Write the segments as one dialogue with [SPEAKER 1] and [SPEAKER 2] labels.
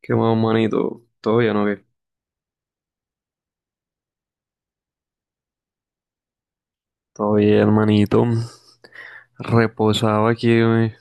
[SPEAKER 1] ¿Qué más, manito? ¿Todo bien o qué? Todo bien, manito. Reposaba aquí, güey,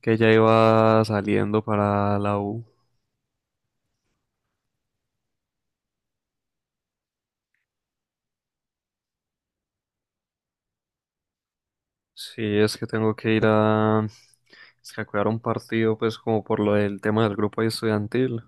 [SPEAKER 1] que ya iba saliendo para la U. Sí, es que tengo que ir a... Es que a cuidar un partido, pues, como por lo del tema del grupo ahí estudiantil.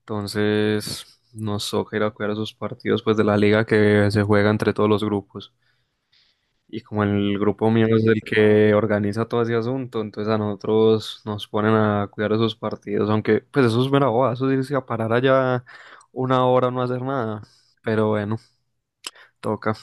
[SPEAKER 1] Entonces, nos toca ir a cuidar esos partidos, pues, de la liga que se juega entre todos los grupos. Y como el grupo mío es el que organiza todo ese asunto, entonces a nosotros nos ponen a cuidar esos partidos, aunque pues eso es mera boba, eso es irse a parar allá una hora no hacer nada, pero bueno, toca.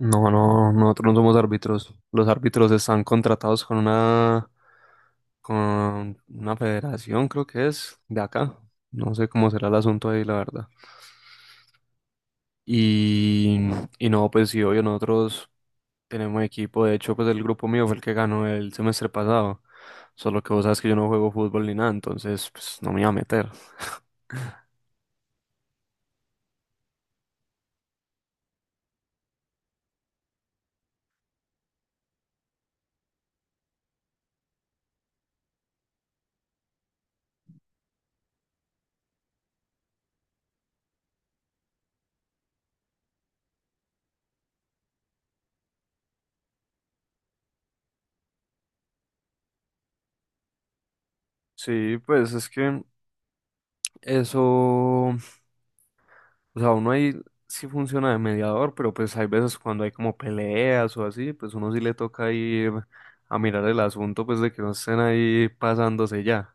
[SPEAKER 1] No, no, nosotros no somos árbitros, los árbitros están contratados con una federación, creo que es, de acá, no sé cómo será el asunto ahí, la verdad. Y, y no, pues sí, obvio, nosotros tenemos equipo. De hecho, pues el grupo mío fue el que ganó el semestre pasado. Solo que vos sabes que yo no juego fútbol ni nada, entonces pues no me iba a meter. Sí, pues es que eso, o sea, uno ahí sí funciona de mediador, pero pues hay veces cuando hay como peleas o así, pues uno sí le toca ir a mirar el asunto, pues de que no estén ahí pasándose ya.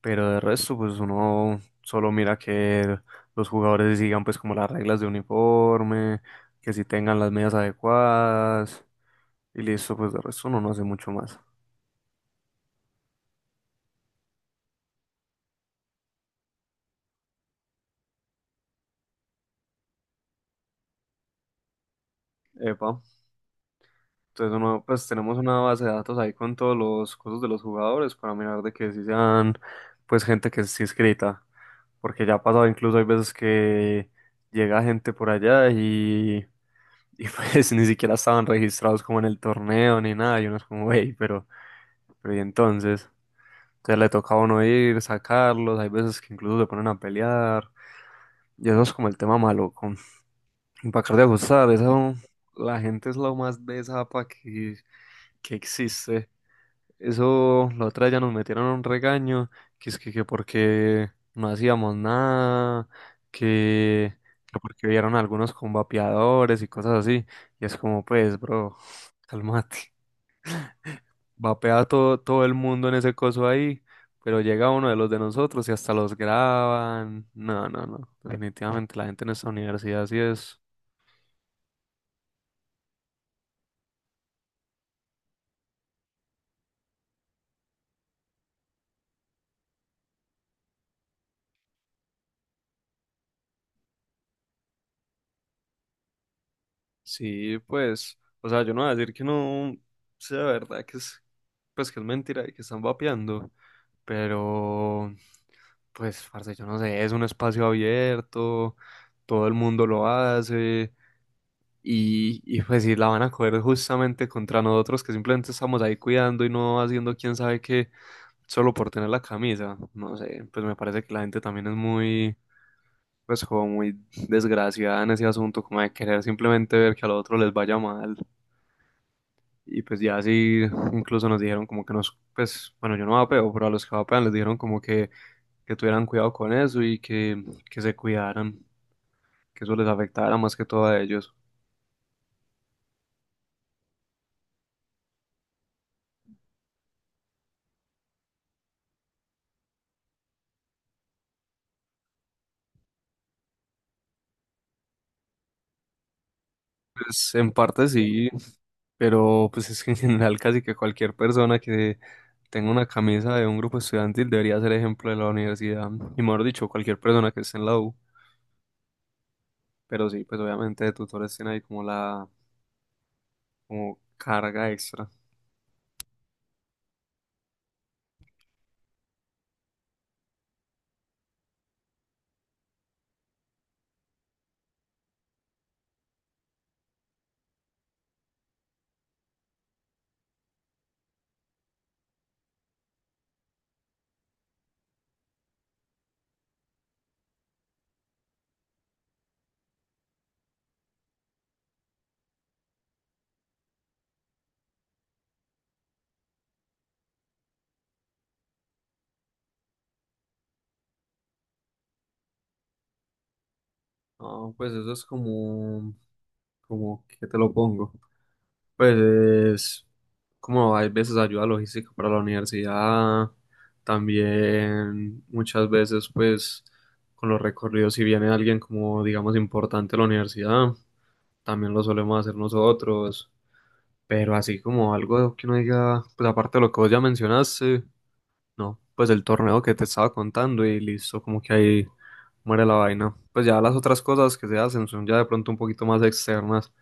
[SPEAKER 1] Pero de resto, pues uno solo mira que los jugadores sigan pues como las reglas de uniforme, que si tengan las medidas adecuadas y listo, pues de resto uno no hace mucho más. Epa. Entonces uno pues tenemos una base de datos ahí con todos los cosas de los jugadores para mirar de que si sean pues gente que sí escrita, porque ya ha pasado incluso hay veces que llega gente por allá y pues ni siquiera estaban registrados como en el torneo ni nada y uno es como, hey, pero y entonces... Entonces le toca a uno ir, sacarlos, hay veces que incluso se ponen a pelear, y eso es como el tema maluco. Y para acabar de ajustar, eso, la gente es lo más besapa que existe. Eso, la otra vez ya nos metieron un regaño, que es que porque no hacíamos nada, que, que porque vieron algunos con vapeadores y cosas así, y es como, pues, bro, cálmate. Vapea todo, todo el mundo en ese coso ahí, pero llega uno de los de nosotros y hasta los graban. No, no, no. Definitivamente la gente en esta universidad sí es. Sí, pues, o sea, yo no voy a decir que no sea verdad, que es, pues que es mentira y que están vapeando, pero pues, parce, yo no sé, es un espacio abierto, todo el mundo lo hace, y pues si la van a coger justamente contra nosotros que simplemente estamos ahí cuidando y no haciendo quién sabe qué, solo por tener la camisa. No sé, pues me parece que la gente también es muy, pues como muy desgraciada en ese asunto, como de querer simplemente ver que al otro les vaya mal. Y pues ya así, incluso nos dijeron como que nos, pues, bueno, yo no vapeo, pero a los que vapean les dijeron como que tuvieran cuidado con eso y que se cuidaran, que eso les afectara más que todo a ellos. Pues en parte sí, pero pues es que en general casi que cualquier persona que tenga una camisa de un grupo estudiantil debería ser ejemplo de la universidad, y mejor dicho, cualquier persona que esté en la U, pero sí, pues obviamente de tutores tiene ahí como la como carga extra. No, pues eso es como, como que te lo pongo. Pues como hay veces ayuda logística para la universidad, también muchas veces pues con los recorridos si viene alguien como digamos importante a la universidad, también lo solemos hacer nosotros, pero así como algo que uno diga, pues aparte de lo que vos ya mencionaste, no, pues el torneo que te estaba contando y listo, como que ahí muere la vaina. Pues ya las otras cosas que se hacen son ya de pronto un poquito más externas,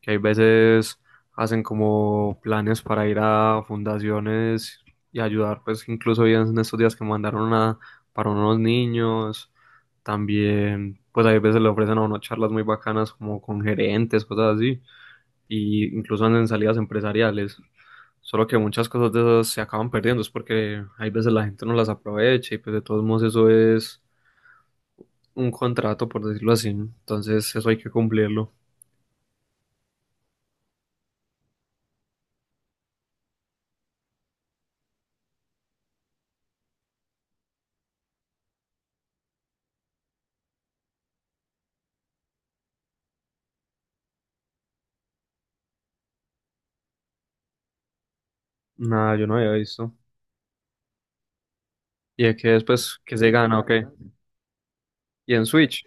[SPEAKER 1] que hay veces hacen como planes para ir a fundaciones y ayudar, pues incluso hoy en estos días que mandaron una para unos niños, también pues hay veces le ofrecen a uno charlas muy bacanas como con gerentes, cosas así y incluso andan en salidas empresariales. Solo que muchas cosas de esas se acaban perdiendo, es porque hay veces la gente no las aprovecha y pues de todos modos eso es un contrato, por decirlo así. Entonces eso hay que cumplirlo. Nada, yo no había visto. ¿Y de qué después que se gana o qué? ¿Y en Switch?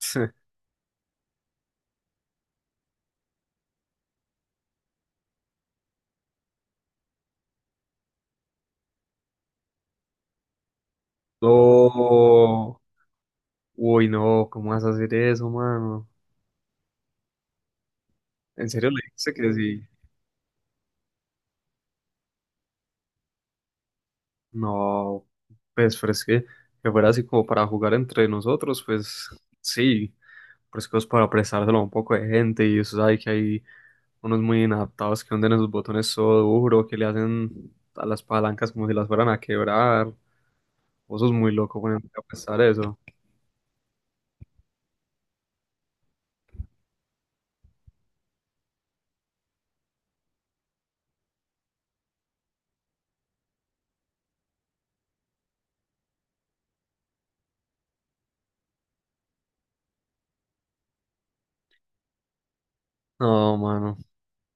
[SPEAKER 1] No. Uy, no, ¿cómo vas a hacer eso, mano? ¿En serio le dijiste que sí? No, pues, pero es que fuera así como para jugar entre nosotros, pues sí, pero es que es para prestárselo a un poco de gente y eso sabe que hay unos muy inadaptados que hunden esos botones todo duro, que le hacen a las palancas como si las fueran a quebrar, vos sos muy loco poniendo a prestar eso. No, mano.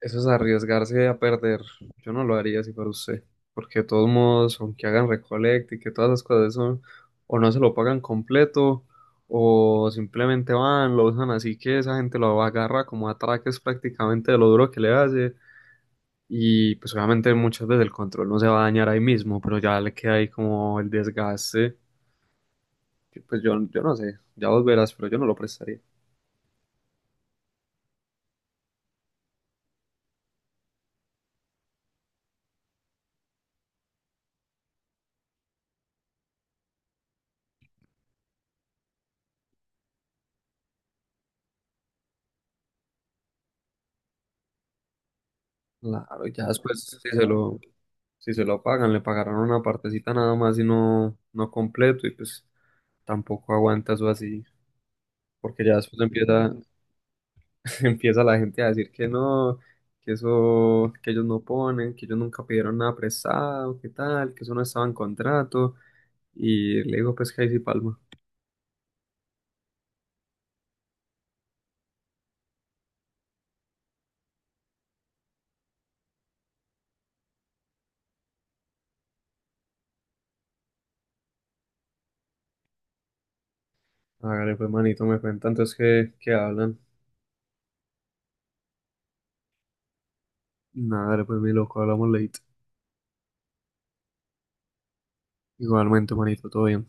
[SPEAKER 1] Eso es arriesgarse a perder. Yo no lo haría si fuera usted, porque de todos modos, aunque hagan recolecta y que todas las cosas son, o no se lo pagan completo, o simplemente van, lo usan así que esa gente lo agarra como atraques prácticamente de lo duro que le hace. Y pues obviamente muchas veces el control no se va a dañar ahí mismo, pero ya le queda ahí como el desgaste. Que, pues yo no sé, ya vos verás, pero yo no lo prestaría. Claro, ya después si se lo, si se lo pagan, le pagarán una partecita nada más y no, no completo y pues tampoco aguanta eso así, porque ya después empieza, empieza la gente a decir que no, que eso, que ellos no ponen, que ellos nunca pidieron nada prestado, que tal, que eso no estaba en contrato y le digo pues que ahí sí palma. Hágale pues manito, me cuentan entonces que hablan. Nada, dale, pues mi loco, hablamos late. Igualmente manito, todo bien.